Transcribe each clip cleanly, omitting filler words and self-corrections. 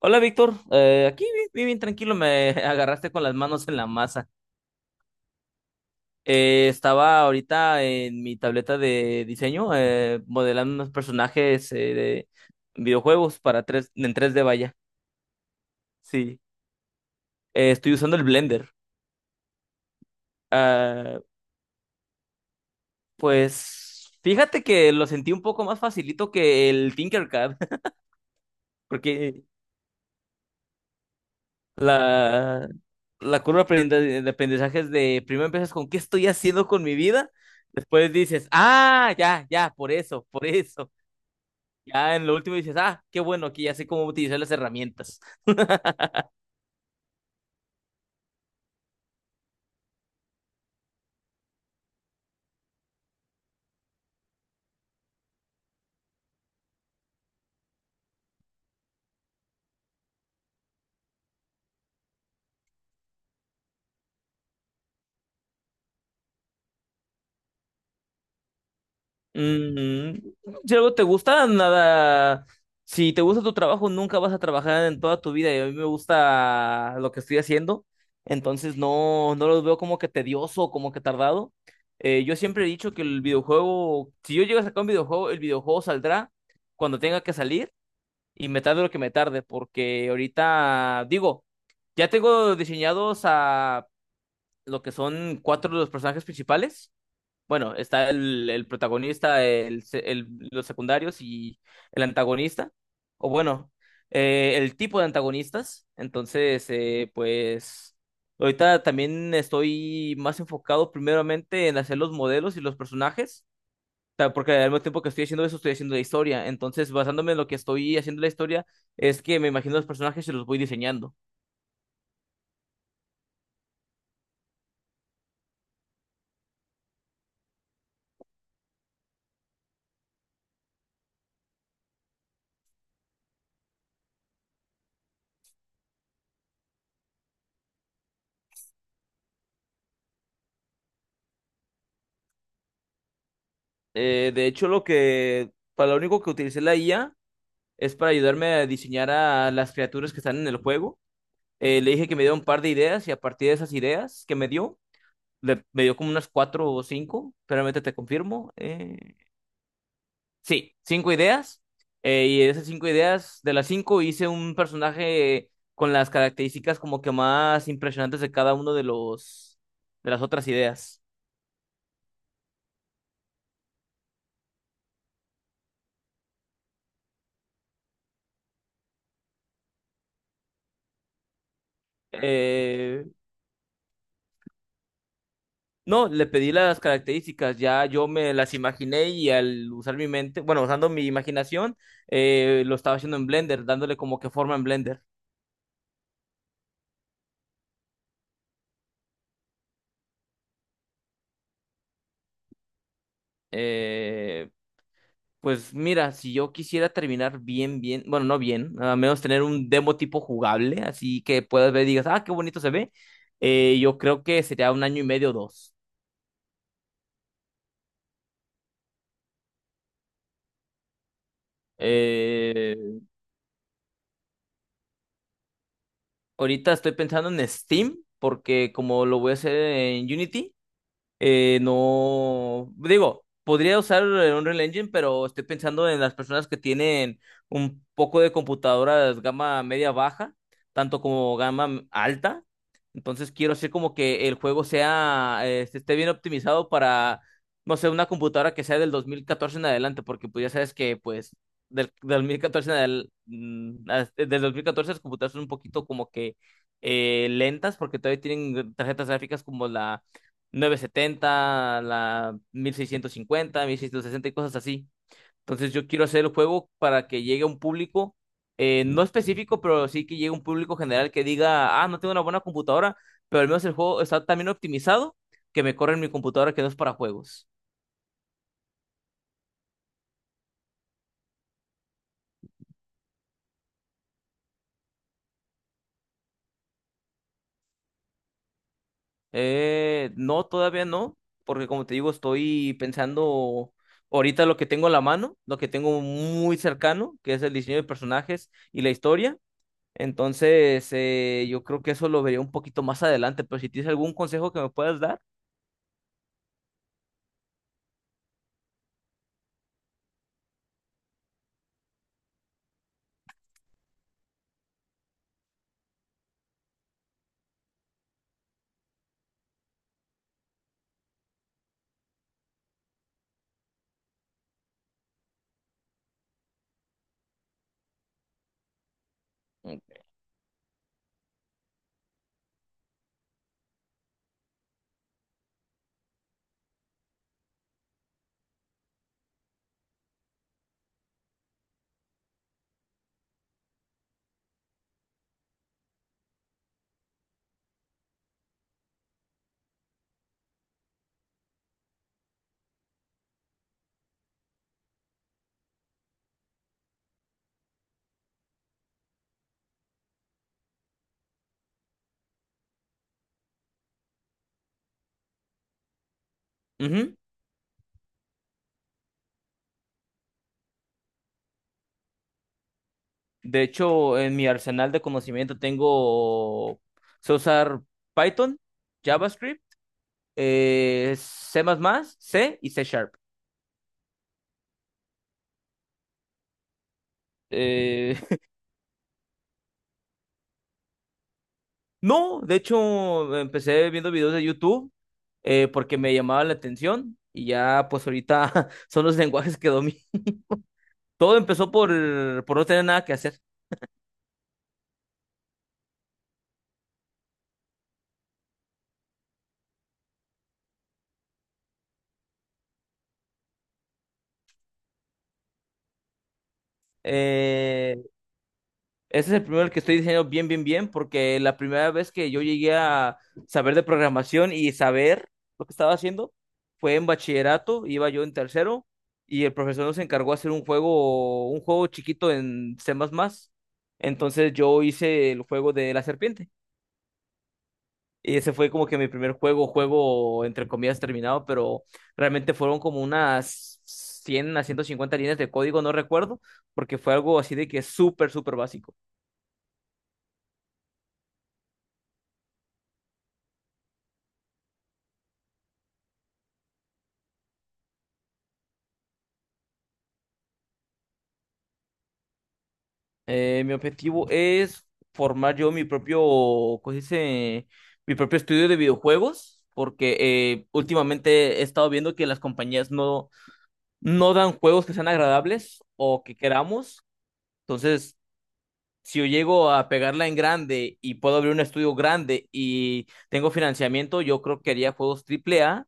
Hola Víctor, aquí bien, bien, bien tranquilo, me agarraste con las manos en la masa. Estaba ahorita en mi tableta de diseño modelando unos personajes de videojuegos para tres, en tres d vaya. Sí. Estoy usando el Blender. Ah, pues fíjate que lo sentí un poco más facilito que el Tinkercad, porque La, la curva de de aprendizaje es de primero empiezas con ¿qué estoy haciendo con mi vida? Después dices, ah, ya, ya, por eso, por eso. Ya en lo último dices, ah, qué bueno, aquí ya sé cómo utilizar las herramientas. Mm, si algo te gusta, nada. Si te gusta tu trabajo, nunca vas a trabajar en toda tu vida. Y a mí me gusta lo que estoy haciendo. Entonces no, no lo veo como que tedioso, como que tardado. Yo siempre he dicho que el videojuego, si yo llego a sacar un videojuego, el videojuego saldrá cuando tenga que salir y me tarde lo que me tarde, porque ahorita, digo, ya tengo diseñados a lo que son cuatro de los personajes principales. Bueno, está el protagonista, los secundarios y el antagonista, o bueno, el tipo de antagonistas. Entonces, pues ahorita también estoy más enfocado primeramente en hacer los modelos y los personajes, porque al mismo tiempo que estoy haciendo eso, estoy haciendo la historia. Entonces, basándome en lo que estoy haciendo la historia, es que me imagino los personajes y los voy diseñando. De hecho, para lo único que utilicé la IA es para ayudarme a diseñar a las criaturas que están en el juego. Le dije que me diera un par de ideas y a partir de esas ideas que me dio, me dio como unas cuatro o cinco, realmente te confirmo. Sí, cinco ideas. Y de esas cinco ideas, de las cinco hice un personaje con las características como que más impresionantes de cada uno de los de las otras ideas. Eh, No, le pedí las características, ya yo me las imaginé y al usar mi mente, bueno, usando mi imaginación, lo estaba haciendo en Blender, dándole como que forma en Blender. Eh, pues mira, si yo quisiera terminar bien, bien, bueno, no bien, a menos tener un demo tipo jugable, así que puedas ver y digas, ah, qué bonito se ve, yo creo que sería un año y medio o dos. Eh, Ahorita estoy pensando en Steam, porque como lo voy a hacer en Unity. No, digo, podría usar el Unreal Engine, pero estoy pensando en las personas que tienen un poco de computadoras gama media baja, tanto como gama alta. Entonces quiero hacer como que el juego sea, esté bien optimizado para, no sé, una computadora que sea del 2014 en adelante, porque pues ya sabes que pues del 2014 en del dos mil catorce. Las computadoras son un poquito como que lentas, porque todavía tienen tarjetas gráficas como la novecientos setenta, la mil mil seiscientos cincuenta, mil seiscientos sesenta y cosas así. Entonces yo quiero hacer el juego para que llegue a un público, no específico, pero sí que llegue a un público general que diga, ah, no tengo una buena computadora, pero al menos el juego está tan bien optimizado que me corre en mi computadora que no es para juegos. No, todavía no, porque como te digo, estoy pensando ahorita lo que tengo en la mano, lo que tengo muy cercano, que es el diseño de personajes y la historia. Entonces, yo creo que eso lo vería un poquito más adelante, pero si tienes algún consejo que me puedas dar. Ujú. De hecho, en mi arsenal de conocimiento tengo, sé usar Python, JavaScript, C++, C y C Sharp. Eh, no, de hecho, empecé viendo videos de YouTube porque me llamaba la atención y ya pues ahorita son los lenguajes que domino. Todo empezó por no tener nada que hacer. Eh, Ese es el primero que estoy diciendo bien, bien, bien, porque la primera vez que yo llegué a saber de programación y saber lo que estaba haciendo fue en bachillerato, iba yo en tercero y el profesor nos encargó hacer un juego chiquito en C++. Entonces yo hice el juego de la serpiente y ese fue como que mi primer juego, juego entre comillas terminado, pero realmente fueron como unas 100 a 150 líneas de código, no recuerdo, porque fue algo así de que súper, súper básico. Mi objetivo es formar yo mi propio, ¿cómo se dice? Mi propio estudio de videojuegos, porque últimamente he estado viendo que las compañías no, no dan juegos que sean agradables o que queramos. Entonces, si yo llego a pegarla en grande y puedo abrir un estudio grande y tengo financiamiento, yo creo que haría juegos triple A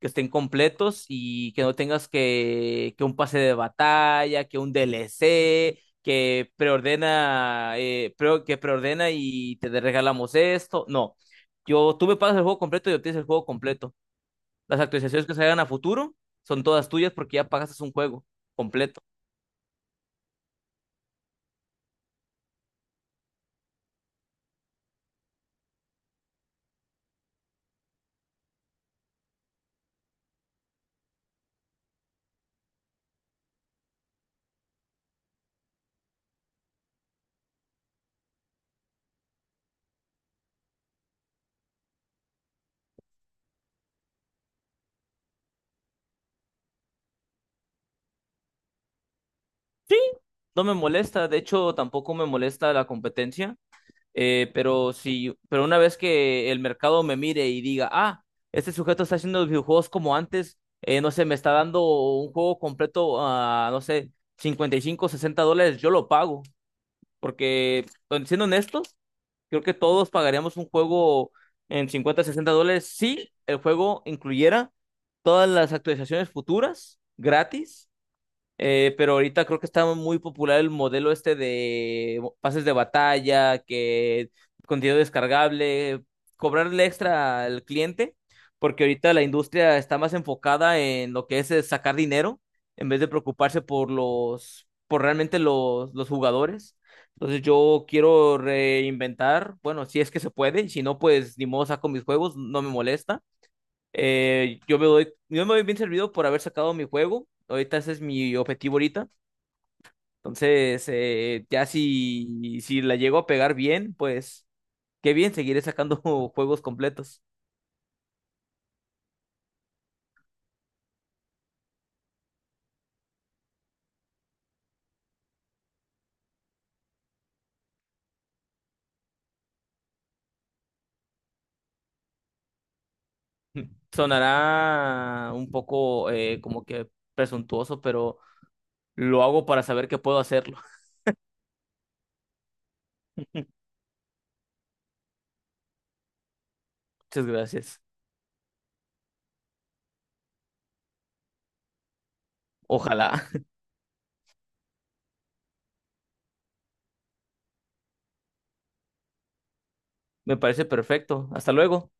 que estén completos y que no tengas que un pase de batalla, que un DLC, que preordena, que preordena y te regalamos esto. No, yo, tú me pagas el juego completo y obtienes el juego completo. Las actualizaciones que salgan a futuro son todas tuyas porque ya pagaste un juego completo. Sí, no me molesta, de hecho tampoco me molesta la competencia. Pero si, pero una vez que el mercado me mire y diga, ah, este sujeto está haciendo videojuegos como antes, no sé, me está dando un juego completo a, no sé, 55, 60 dólares, yo lo pago. Porque, bueno, siendo honestos, creo que todos pagaríamos un juego en 50, 60 dólares si el juego incluyera todas las actualizaciones futuras gratis. Pero ahorita creo que está muy popular el modelo este de pases de batalla, que contenido descargable, cobrarle extra al cliente, porque ahorita la industria está más enfocada en lo que es sacar dinero, en vez de preocuparse por por realmente los jugadores. Entonces yo quiero reinventar, bueno, si es que se puede, y si no, pues ni modo saco mis juegos, no me molesta. Yo me doy bien servido por haber sacado mi juego. Ahorita ese es mi objetivo ahorita. Entonces, ya si, si la llego a pegar bien, pues qué bien, seguiré sacando juegos completos. Sonará un poco como que presuntuoso, pero lo hago para saber que puedo hacerlo. Muchas gracias. Ojalá. Me parece perfecto. Hasta luego.